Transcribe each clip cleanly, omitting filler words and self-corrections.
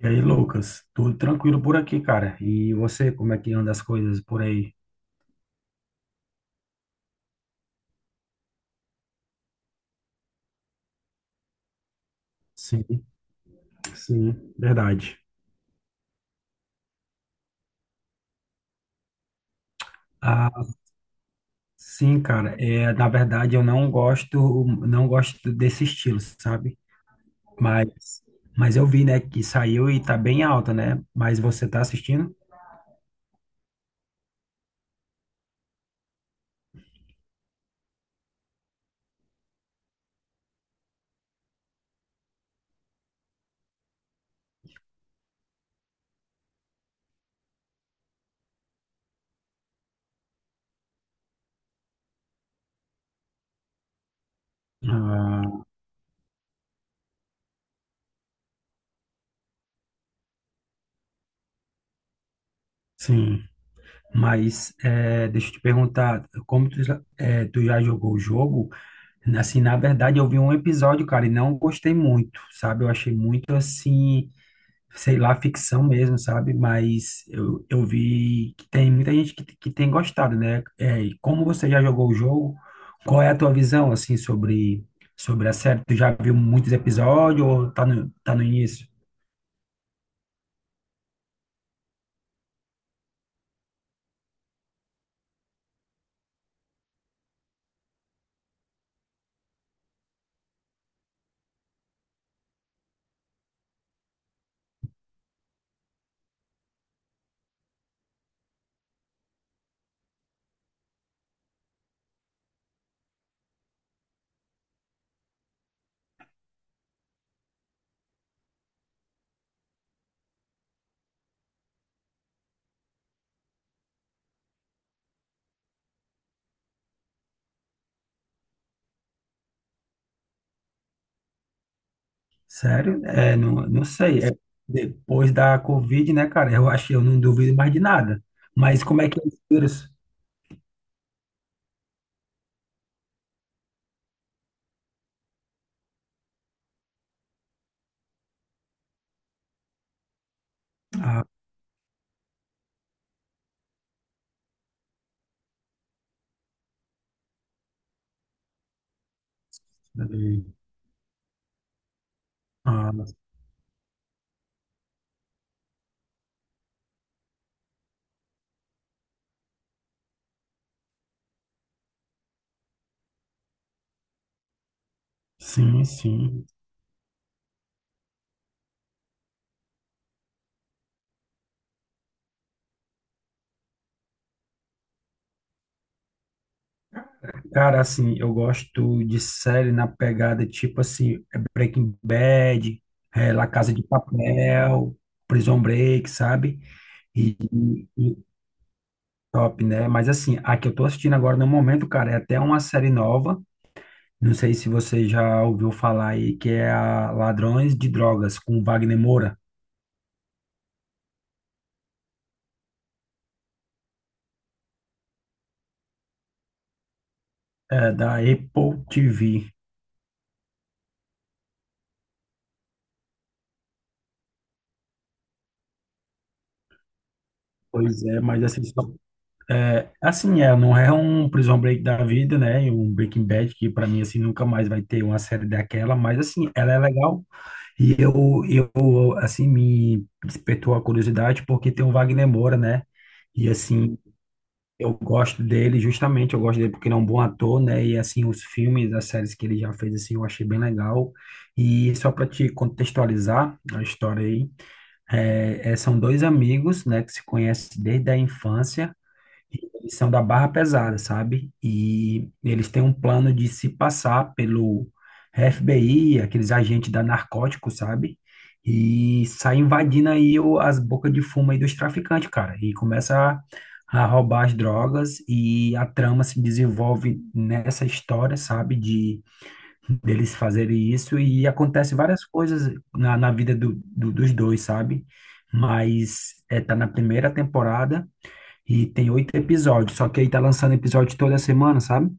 E aí, Lucas, tudo tranquilo por aqui, cara? E você, como é que anda as coisas por aí? Sim, sim, verdade. Ah, sim, cara. Na verdade, eu não gosto, não gosto desse estilo, sabe? Mas, mas eu vi, né, que saiu e tá bem alta, né? Mas você tá assistindo? Ah, sim. Mas é, deixa eu te perguntar, como tu, tu já jogou o jogo? Assim, na verdade, eu vi um episódio, cara, e não gostei muito, sabe? Eu achei muito assim, sei lá, ficção mesmo, sabe? Mas eu vi que tem muita gente que tem gostado, né? É, e como você já jogou o jogo, qual é a tua visão, assim, sobre a série? Tu já viu muitos episódios ou tá tá no início? Sério? É, não, não sei. É, depois da Covid, né, cara? Eu acho que eu não duvido mais de nada. Mas como é que é esse vírus? Ah, ah, sim, sim. Cara, assim, eu gosto de série na pegada tipo assim, é Breaking Bad, é La Casa de Papel, Prison Break, sabe? E, e top, né? Mas assim, a que eu tô assistindo agora no momento, cara, é até uma série nova. Não sei se você já ouviu falar aí, que é a Ladrões de Drogas, com Wagner Moura, é, da Apple TV. Pois é, mas assim, só É, assim, é, não é um Prison Break da vida, né? E um Breaking Bad que pra mim assim nunca mais vai ter uma série daquela, mas assim, ela é legal e eu assim, me despertou a curiosidade porque tem o Wagner Moura, né? E assim, eu gosto dele justamente, eu gosto dele porque ele é um bom ator, né? E assim, os filmes, as séries que ele já fez assim, eu achei bem legal. E só pra te contextualizar a história aí, são dois amigos, né, que se conhecem desde a infância. Eles são da barra pesada, sabe? E eles têm um plano de se passar pelo FBI, aqueles agentes da narcótico, sabe? E sai invadindo aí as bocas de fumo aí dos traficantes, cara. E começa a roubar as drogas e a trama se desenvolve nessa história, sabe? De deles fazerem isso e acontece várias coisas na vida dos dois, sabe? Mas é, tá na primeira temporada. E tem oito episódios, só que aí tá lançando episódio toda semana, sabe?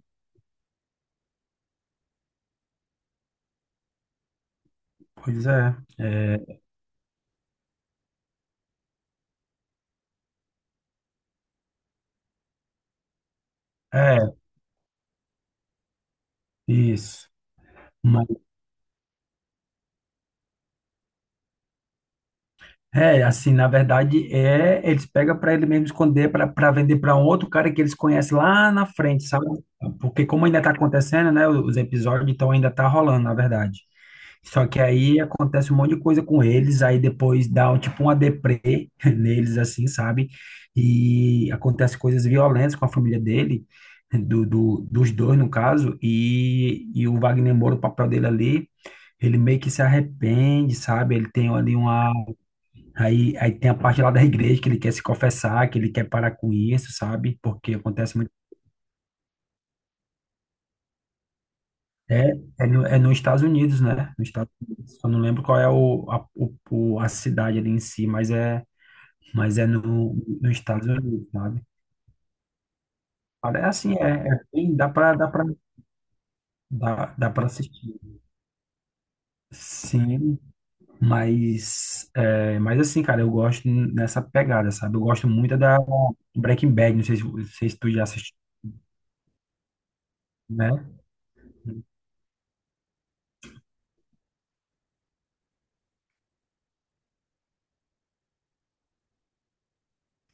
Pois é. É Isso. mas- assim, na verdade, é, eles pegam para ele mesmo esconder para vender para um outro cara que eles conhecem lá na frente, sabe? Porque como ainda tá acontecendo, né, os episódios, então ainda tá rolando, na verdade. Só que aí acontece um monte de coisa com eles, aí depois dá um, tipo uma deprê neles, assim, sabe? E acontece coisas violentas com a família dele, dos dois, no caso, e o Wagner Moura, o papel dele ali, ele meio que se arrepende, sabe? Ele tem ali uma... Aí, aí tem a parte lá da igreja que ele quer se confessar, que ele quer parar com isso, sabe? Porque acontece É, é, no, é nos Estados Unidos, né? Nos Estados Unidos. Eu não lembro qual é o, a, o- o- a cidade ali em si, mas é no, nos Estados Unidos, sabe? Cara, é assim, é bem- dá pra, dá pra, dá pra assistir. Sim, mas, é, mas assim, cara, eu gosto nessa pegada, sabe? Eu gosto muito da Breaking Bad, não sei se, não sei se tu já assistiu, né?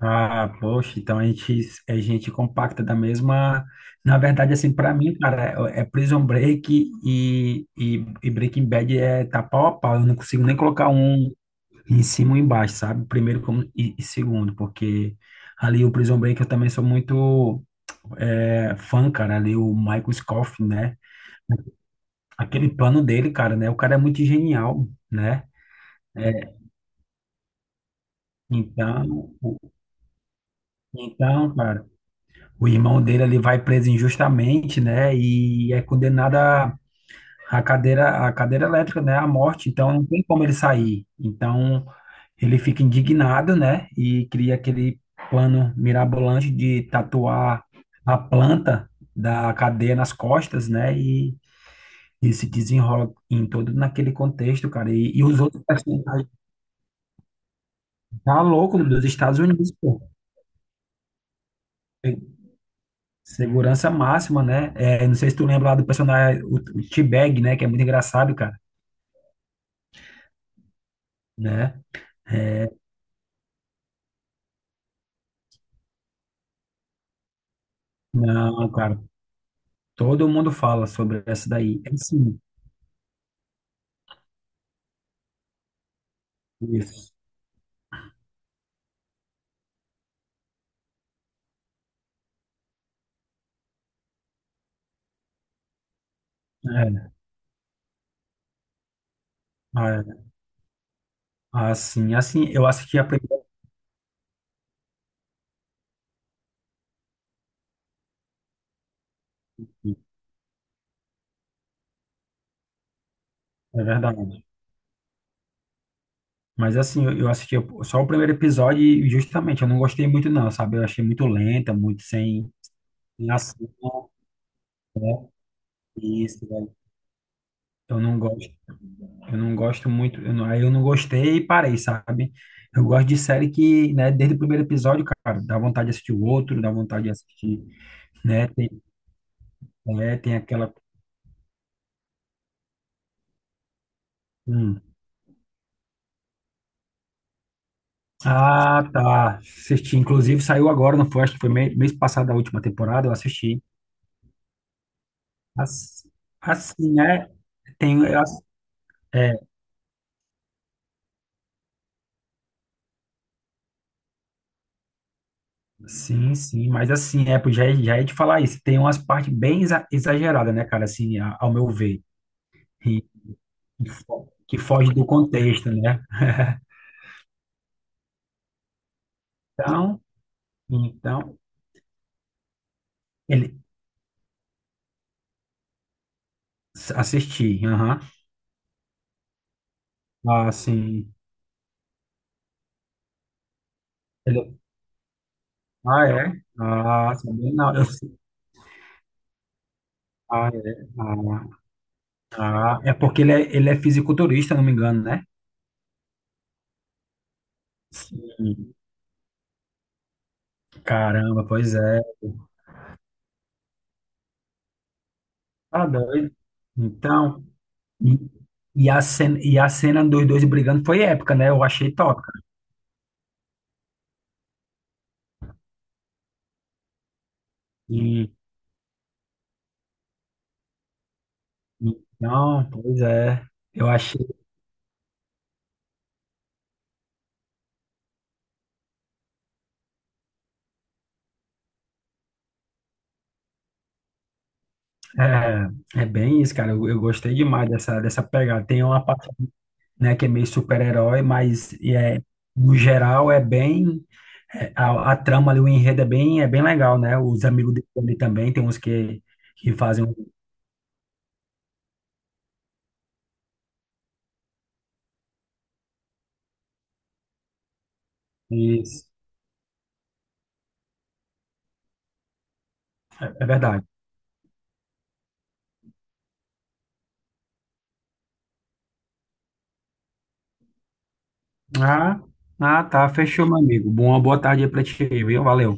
Ah, poxa, então a gente compacta da mesma. Na verdade, assim, pra mim, cara, é Prison Break e Breaking Bad é tá pau a pau. Eu não consigo nem colocar um em cima ou embaixo, sabe? Primeiro como, e segundo, porque ali o Prison Break eu também sou muito é, fã, cara. Ali o Michael Scofield, né? Aquele plano dele, cara, né? O cara é muito genial, né? É, então, o- então, cara, o irmão dele ele vai preso injustamente, né? E é condenado à à cadeira elétrica, né? À morte. Então não tem como ele sair. Então ele fica indignado, né? E cria aquele plano mirabolante de tatuar a planta da cadeia nas costas, né? E se desenrola em todo naquele contexto, cara. E os outros personagens tá louco dos Estados Unidos, pô. Segurança máxima, né? É, não sei se tu lembra lá do personagem, o T-Bag, né? Que é muito engraçado, cara, né? É, não, cara, todo mundo fala sobre essa daí. É sim, isso. É, é, assim, assim, eu assisti a primeira, é verdade. Mas assim, eu assisti só o primeiro episódio e justamente eu não gostei muito não, sabe? Eu achei muito lenta, muito sem ação, né? Isso, velho. Eu não gosto. Eu não gosto muito, eu não- aí eu não gostei e parei, sabe? Eu gosto de série que, né, desde o primeiro episódio, cara, dá vontade de assistir o outro, dá vontade de assistir, né? Tem, é, tem aquela. Hum. Ah, tá. Assisti. Inclusive, saiu agora, não foi? Acho que foi mês passado a última temporada, eu assisti. As- Assim, né? Tem, as- É, sim, sim, mas assim, é, pô, já ia te falar isso. Tem umas partes bem exageradas, né, cara, assim, ao meu ver, e, que foge do contexto, né? Então, então, ele assisti, aham. Ah, sim. Ele- ah, é? Ah, sabia não. Eu, ah, é. Ah, tá, é porque ele é fisiculturista, não me engano, né? Sim. Caramba, pois é. Tá doido. Então, e, e a cena dos dois brigando foi épica, né? Eu achei top, cara. E, então, pois é. Eu achei. É, é bem isso, cara. Eu gostei demais dessa, dessa pegada. Tem uma parte, né, que é meio super-herói, mas e é, no geral é bem é, a trama ali, o enredo é bem legal, né? Os amigos dele ali também tem uns que fazem um isso. É verdade. Ah, ah, tá, fechou, meu amigo. Boa, boa tarde aí pra ti, viu? Valeu.